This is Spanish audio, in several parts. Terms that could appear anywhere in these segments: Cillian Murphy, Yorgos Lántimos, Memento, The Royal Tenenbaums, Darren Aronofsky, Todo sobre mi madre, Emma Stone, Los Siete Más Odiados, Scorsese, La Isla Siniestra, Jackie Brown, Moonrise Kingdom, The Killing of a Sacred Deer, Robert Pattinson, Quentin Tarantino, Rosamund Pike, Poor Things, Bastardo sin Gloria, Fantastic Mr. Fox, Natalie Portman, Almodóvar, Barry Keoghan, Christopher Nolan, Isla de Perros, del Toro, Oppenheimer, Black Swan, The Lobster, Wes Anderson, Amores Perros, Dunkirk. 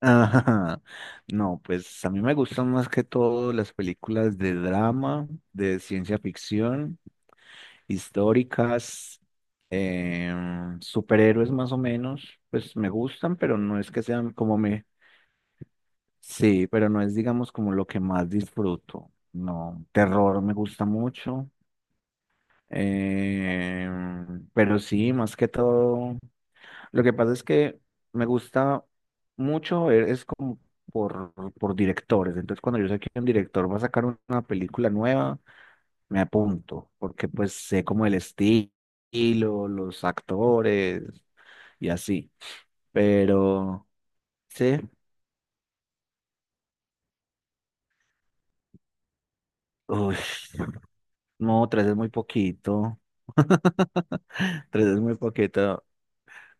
Ajá. No, pues a mí me gustan más que todo las películas de drama, de ciencia ficción, históricas, superhéroes más o menos, pues me gustan, pero no es que sean como me... Sí, pero no es digamos como lo que más disfruto. No, terror me gusta mucho, pero sí, más que todo lo que pasa es que me gusta mucho ver, es como por, por directores. Entonces, cuando yo sé que un director va a sacar una película nueva, me apunto, porque pues sé como estilo, los actores y así. Pero, sí, uy, no, tres es muy poquito. Tres es muy poquito.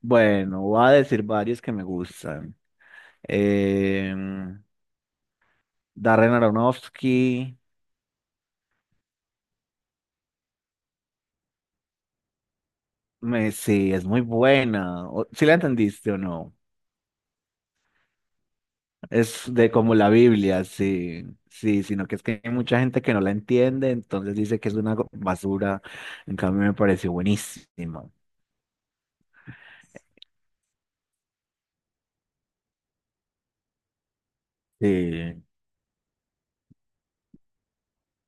Bueno, voy a decir varios que me gustan. Em, Darren Aronofsky. Sí, es muy buena. ¿Si ¿Sí la entendiste o no? Es de como la Biblia, sí, sí, sino que es que hay mucha gente que no la entiende, entonces dice que es una basura. En cambio, me pareció buenísima. Sí,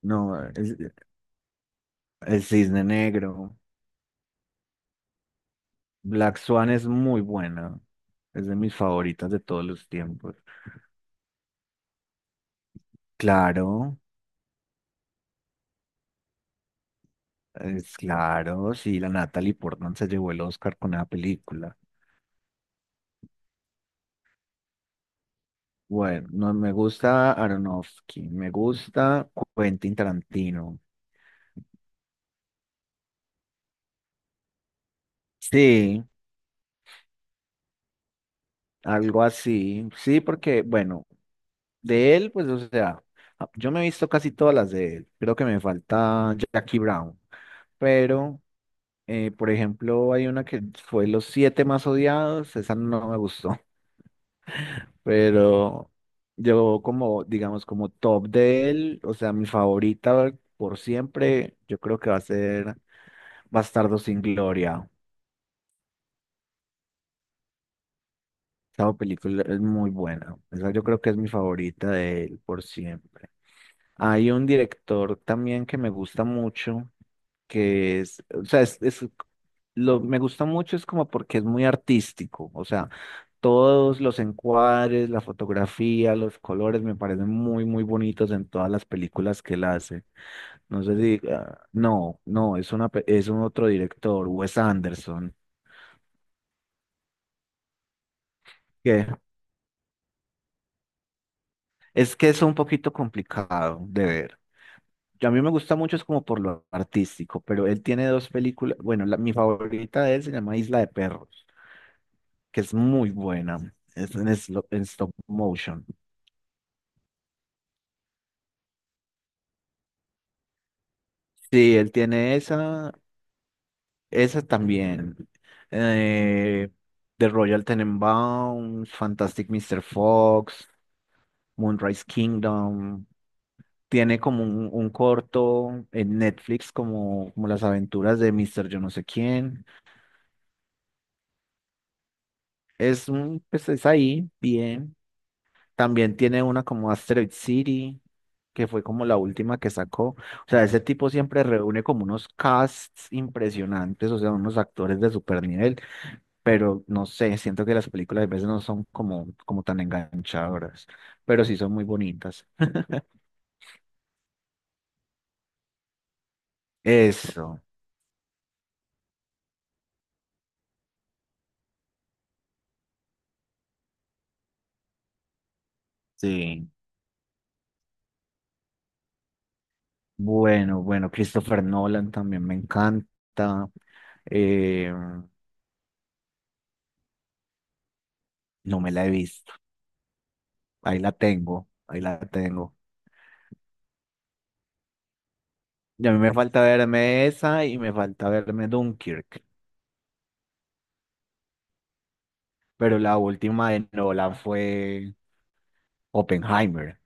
no, es- el Cisne Negro. Black Swan es muy buena. Es de mis favoritas de todos los tiempos. Claro, claro, sí, la Natalie Portman se llevó el Oscar con esa película. Bueno, no me gusta Aronofsky, me gusta Quentin Tarantino. Sí, algo así. Sí, porque, bueno, de él, pues, o sea, yo me he visto casi todas las de él. Creo que me falta Jackie Brown. Pero, por ejemplo, hay una que fue Los Siete Más Odiados. Esa no me gustó. Pero yo como, digamos, como top de él, o sea, mi favorita por siempre, yo creo que va a ser Bastardo sin Gloria. Esa película es muy buena. Esa yo creo que es mi favorita de él por siempre. Hay un director también que me gusta mucho, que es, o sea, lo me gusta mucho es como porque es muy artístico, o sea, todos los encuadres, la fotografía, los colores me parecen muy, muy bonitos en todas las películas que él hace. No sé si, ah, no, no, es una, pe- es un otro director, Wes Anderson. ¿Qué? Es que es un poquito complicado de ver. A mí me gusta mucho, es como por lo artístico, pero él tiene dos películas. Bueno, mi favorita de él se llama Isla de Perros, que es muy buena. Es en stop motion. Sí, él tiene esa, esa también. Eh, The Royal Tenenbaums, Fantastic Mr. Fox, Moonrise Kingdom. Tiene como un corto en Netflix, como las aventuras de Mister yo no sé quién. Es un, pues es ahí, bien. También tiene una como Asteroid City, que fue como la última que sacó. O sea, ese tipo siempre reúne como unos casts impresionantes, o sea, unos actores de super nivel, pero no sé, siento que las películas a veces no son como, como tan enganchadoras, pero sí son muy bonitas. Eso, sí. Bueno, Christopher Nolan también me encanta. Eh, no me la he visto. Ahí la tengo, ahí la tengo. Y a mí me falta verme esa y me falta verme Dunkirk. Pero la última de Nolan fue Oppenheimer.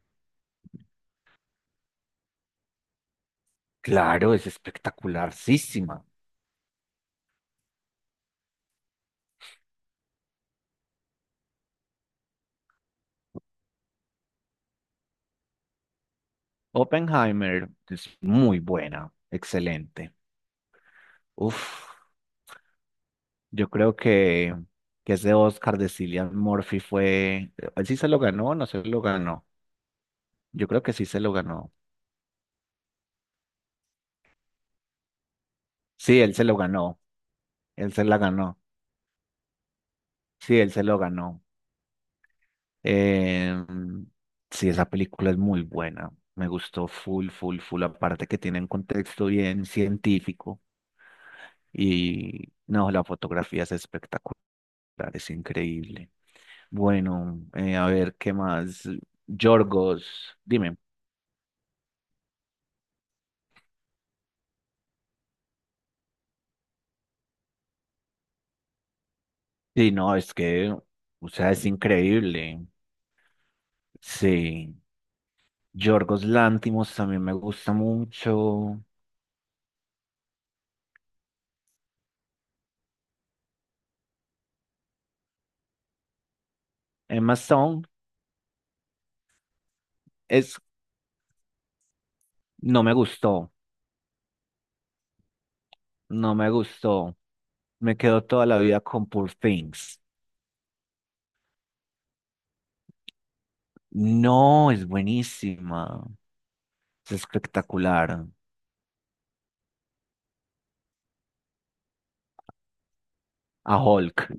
Claro, es espectacularísima. Oppenheimer es muy buena, excelente. Uf, yo creo que ese Oscar de Cillian Murphy fue, él sí se lo ganó, o no se lo ganó. Yo creo que sí se lo ganó. Sí, él se lo ganó. Él se la ganó. Sí, él se lo ganó. Em, sí, esa película es muy buena. Me gustó full, full, full. Aparte que tiene un contexto bien científico. Y no, la fotografía es espectacular, es increíble. Bueno, a ver, ¿qué más? Yorgos, dime. Sí, no, es que, o sea, es increíble. Sí. Yorgos Lántimos también me gusta mucho. Emma Stone es, no me gustó, no me gustó. Me quedo toda la vida con Poor Things. No, es buenísima. Es espectacular. A Hulk.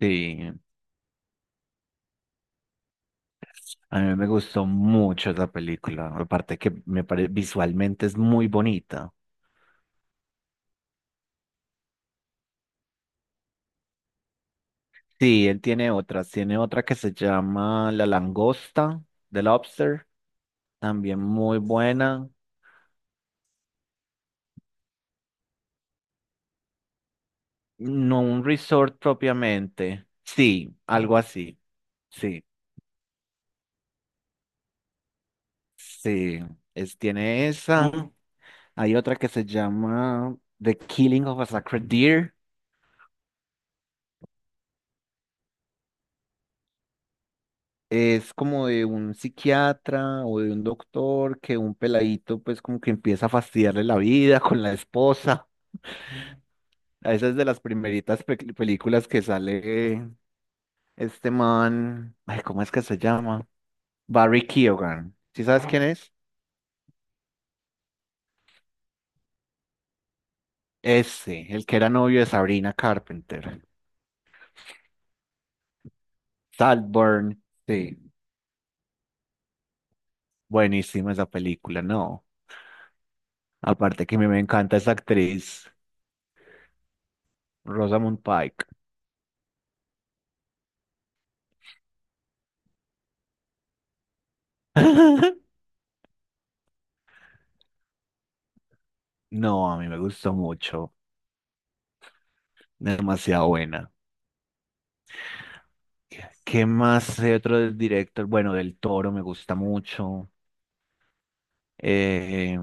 Sí, a mí me gustó mucho esa película. Aparte que visualmente es muy bonita. Sí, él tiene otras. Tiene otra que se llama La Langosta, The Lobster. También muy buena. No un resort propiamente. Sí, algo así. Sí, sí. Es, tiene esa. Hay otra que se llama The Killing of a Sacred Deer. Es como de un psiquiatra o de un doctor que un peladito pues como que empieza a fastidiarle la vida con la esposa. Esa es de las primeritas películas que sale este man. Ay, ¿cómo es que se llama? Barry Keoghan. ¿Sí sabes quién es? Ese, el que era novio de Sabrina Carpenter. Saltburn, sí, buenísima esa película, no. Aparte que a mí me encanta esa actriz, Rosamund Pike. No, a mí me gustó mucho, demasiado buena. ¿Qué más de otro director? Bueno, del Toro me gusta mucho. Eh,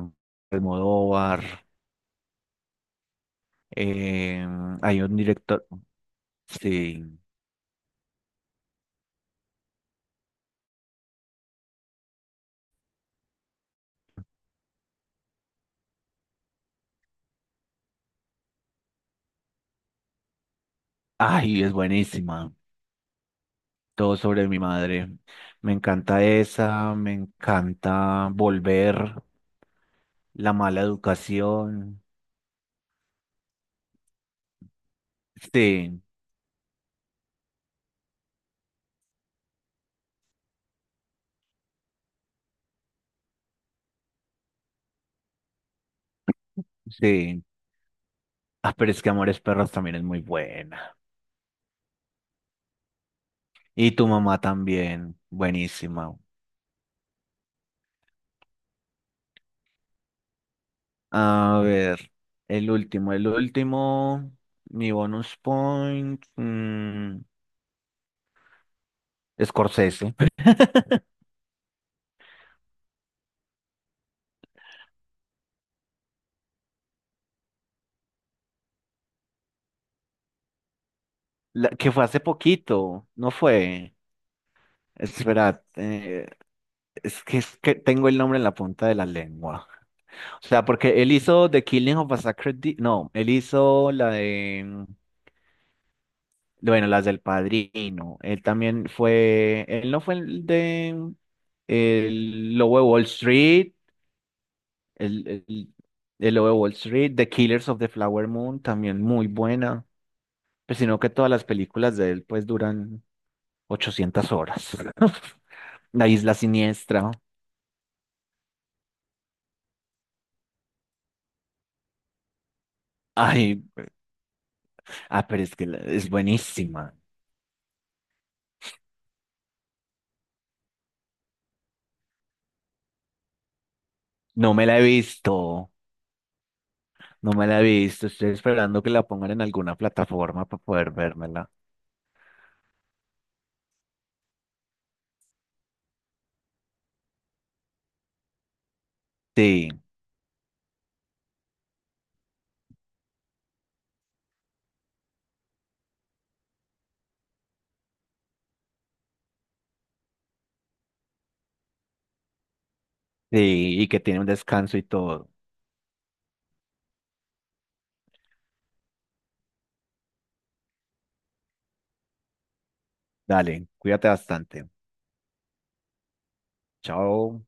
Almodóvar. Eh, hay un director, sí. Ay, es buenísima. Todo sobre mi madre. Me encanta esa, me encanta volver, la mala educación. Sí, sí. Ah, pero es que Amores Perros también es muy buena. Y tu mamá también, buenísima. A ver, el último, mi bonus point, Scorsese. La, que fue hace poquito, no fue. Espera, eh, es que tengo el nombre en la punta de la lengua. O sea, porque él hizo The Killing of a Sacred Deer. No, él hizo la de. Bueno, las del Padrino. Él también fue. Él no fue el de. El Lobo de Wall Street. El, el, el Lobo de Wall Street. The Killers of the Flower Moon. También muy buena. Pero sino que todas las películas de él, pues, duran 800 horas. La Isla Siniestra. Ay, pero es que es buenísima. No me la he visto. No me la he visto, estoy esperando que la pongan en alguna plataforma para poder vérmela. Sí, sí, y que tiene un descanso y todo. Dale, cuídate bastante. Chao.